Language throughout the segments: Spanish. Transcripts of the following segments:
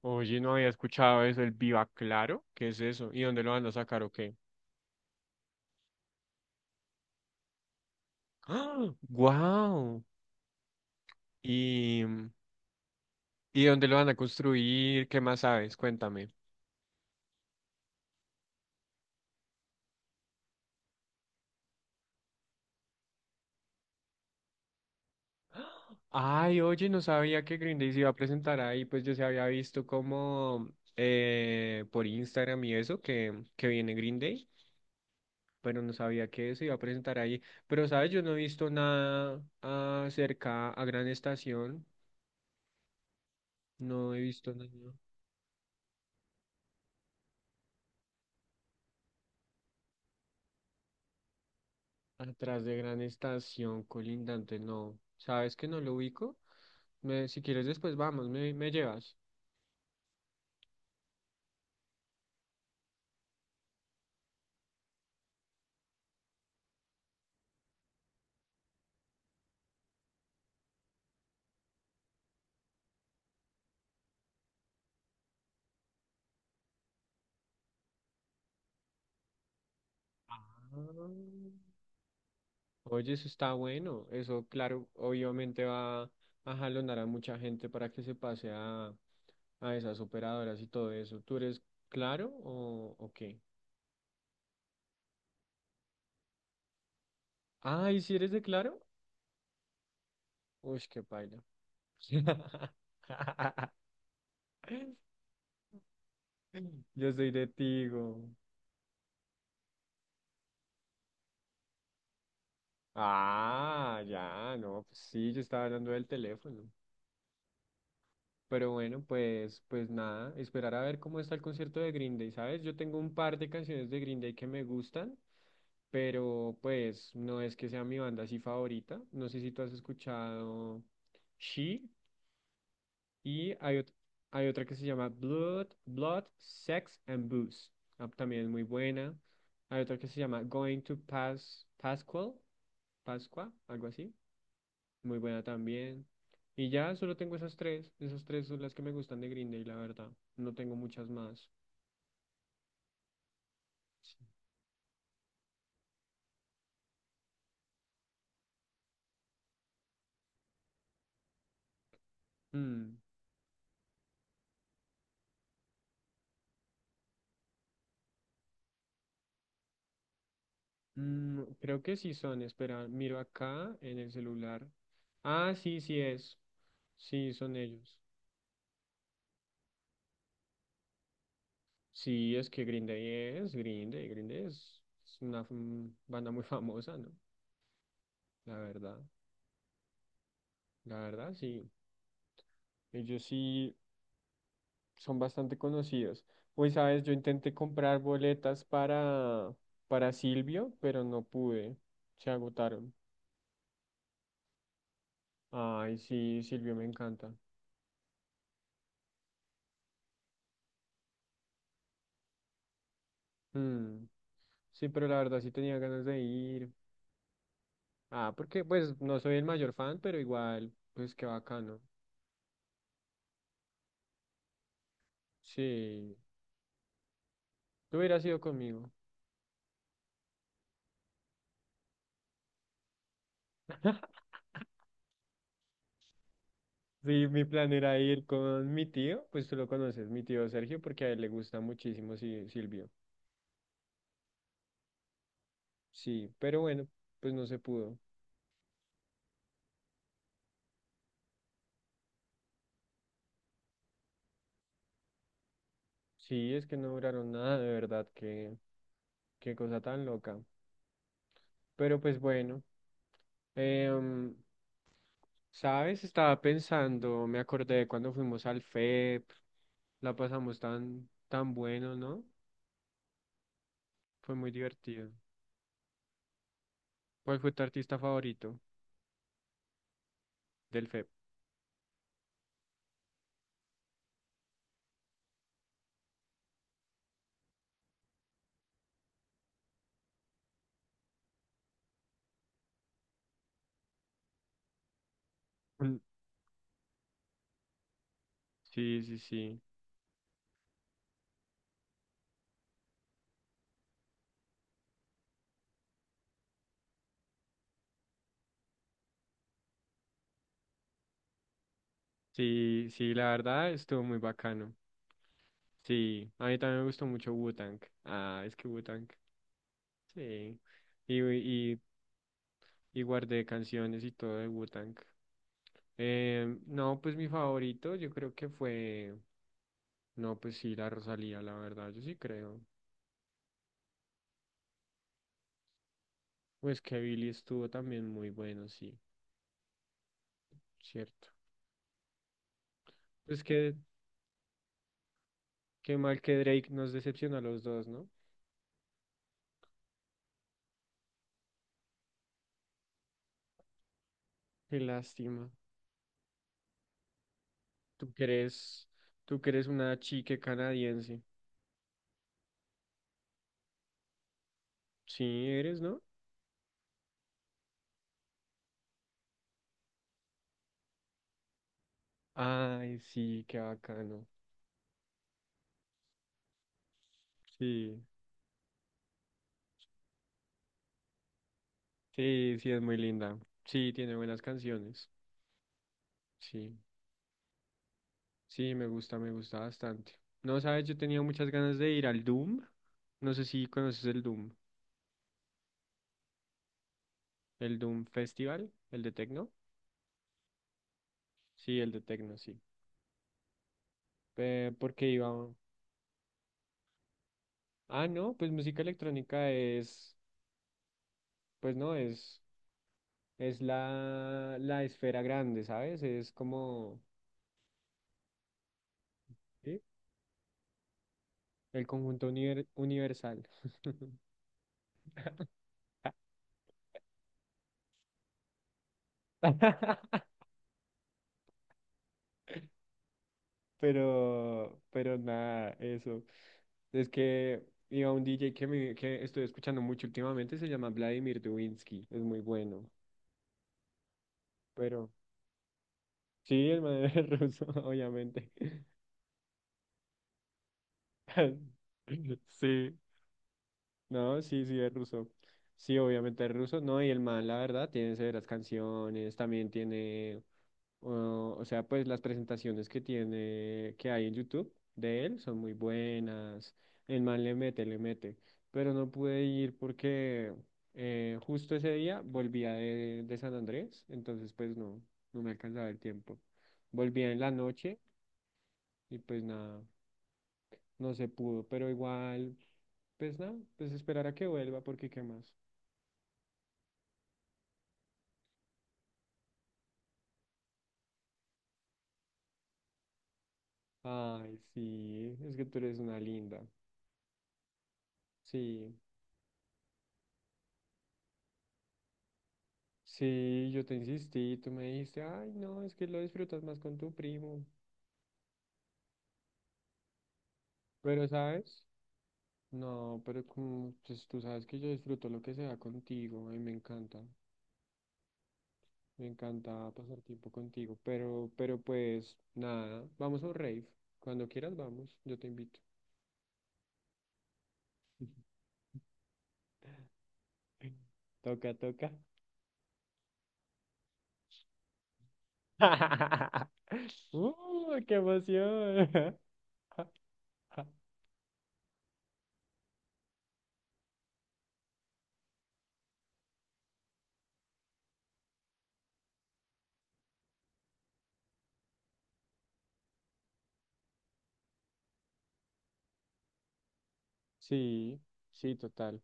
Oye, no había escuchado eso, el Viva Claro. ¿Qué es eso? ¿Y dónde lo van a sacar o qué? ¡Ah! ¡Wow! ¿Y, y dónde lo van a construir? ¿Qué más sabes? Cuéntame. Ay, oye, no sabía que Green Day se iba a presentar ahí, pues yo se había visto como por Instagram y eso, que viene Green Day, pero no sabía que se iba a presentar ahí. Pero, ¿sabes? Yo no he visto nada acerca a Gran Estación, no he visto nada. Atrás de Gran Estación, colindante, no. ¿Sabes que no lo ubico? Me, si quieres después vamos, me llevas. Ah. Oye, eso está bueno. Eso, claro, obviamente va a jalonar a mucha gente para que se pase a esas operadoras y todo eso. ¿Tú eres Claro o qué? Ah, ¿y si eres de Claro? Uy, qué paila. Yo soy de Tigo. Ah, ya, no, pues sí, yo estaba hablando del teléfono. Pero bueno, pues, pues nada, esperar a ver cómo está el concierto de Green Day, ¿sabes? Yo tengo un par de canciones de Green Day que me gustan, pero pues no es que sea mi banda así favorita. No sé si tú has escuchado She, y hay, hay otra que se llama Blood, Blood, Sex and Booze. Ah, también es muy buena. Hay otra que se llama Going to Pas Pascual, Pascua, algo así. Muy buena también. Y ya solo tengo esas tres son las que me gustan de Green Day, la verdad. No tengo muchas más. Mm, creo que sí son, espera, miro acá en el celular. Ah, sí, sí es. Sí, son ellos. Sí, es que Green Day es, Green Day, Green Day es una banda muy famosa, ¿no? La verdad, la verdad, sí. Ellos sí, son bastante conocidos. Hoy sabes, yo intenté comprar boletas para Silvio, pero no pude. Se agotaron. Ay, sí, Silvio me encanta. Mm, sí, pero la verdad sí tenía ganas de ir. Ah, porque pues no soy el mayor fan, pero igual, pues qué bacano. Sí, tú hubieras ido conmigo. Sí, mi plan era ir con mi tío, pues tú lo conoces, mi tío Sergio, porque a él le gusta muchísimo Silvio. Sí, pero bueno, pues no se pudo. Sí, es que no duraron nada, de verdad, qué, qué cosa tan loca. Pero pues bueno, em, ¿sabes? Estaba pensando, me acordé de cuando fuimos al FEP, la pasamos tan, tan bueno, ¿no? Fue muy divertido. ¿Cuál fue tu artista favorito del FEP? Mm, sí, sí, sí. Sí, sí, la verdad estuvo muy bacano. Sí, a mí también me gustó mucho Wu-Tang. Ah, es que Wu-Tang. Sí. Y, y, y guardé canciones y todo de Wu-Tang. No, pues mi favorito, yo creo que fue, no, pues sí, la Rosalía, la verdad, yo sí creo. Pues que Billy estuvo también muy bueno, sí, cierto. Pues que, qué mal que Drake nos decepcionó a los dos, ¿no? Qué lástima. Tú que eres, tú que eres una chique canadiense. Sí, eres, ¿no? Ay, sí, qué bacano. Sí, sí, sí, es muy linda. Sí, tiene buenas canciones. Sí. Sí, me gusta bastante. No, sabes, yo tenía muchas ganas de ir al Doom. No sé si conoces el Doom Festival, el de Tecno. Sí, el de Tecno, sí. Porque iba. Ah, no, pues música electrónica es, pues no, es la, la esfera grande, ¿sabes? Es como ¿sí? El conjunto universal. Pero nada, eso. Es que iba un DJ que, que estoy escuchando mucho últimamente, se llama Vladimir Dubinsky, es muy bueno. Pero sí, el man es ruso, obviamente. Sí, no, sí, sí, es ruso. Sí, obviamente es ruso, no, y el man, la verdad, tiene severas canciones, también tiene o sea, pues las presentaciones que tiene, que hay en YouTube de él son muy buenas. El man le mete, le mete. Pero no pude ir porque justo ese día volvía de San Andrés, entonces pues no, no me alcanzaba el tiempo. Volvía en la noche y pues nada, no se pudo, pero igual, pues nada, pues esperar a que vuelva porque qué más. Ay, sí, es que tú eres una linda. Sí. Sí, yo te insistí, tú me dijiste, ay, no, es que lo disfrutas más con tu primo. Pero, ¿sabes? No, pero como, pues tú sabes que yo disfruto lo que sea contigo, y me encanta pasar tiempo contigo. Pero pues, nada, vamos a un rave. Cuando quieras, vamos, yo te invito. Toca, toca. ¡Uh, qué emoción! Sí, sí, total.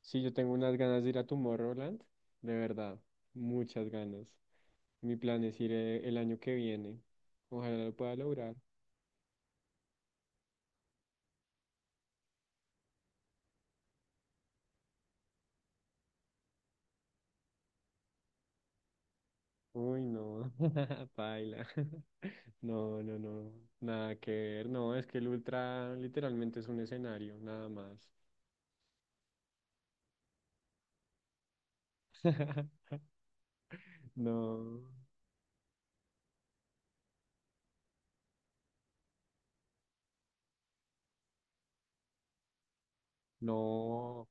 Sí, yo tengo unas ganas de ir a Tomorrowland, de verdad, muchas ganas. Mi plan es ir el año que viene. Ojalá lo pueda lograr. Uy, no, paila. No, no, no, nada que ver. No, es que el Ultra literalmente es un escenario, nada más. No, no.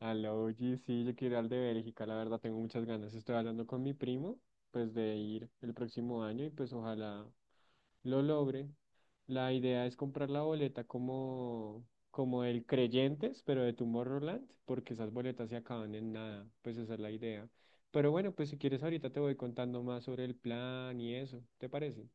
Al OG, sí, yo quiero ir al de Bélgica, la verdad tengo muchas ganas. Estoy hablando con mi primo, pues de ir el próximo año y pues ojalá lo logre. La idea es comprar la boleta como, como el Creyentes, pero de Tomorrowland, porque esas boletas se acaban en nada, pues esa es la idea. Pero bueno, pues si quieres ahorita te voy contando más sobre el plan y eso, ¿te parece?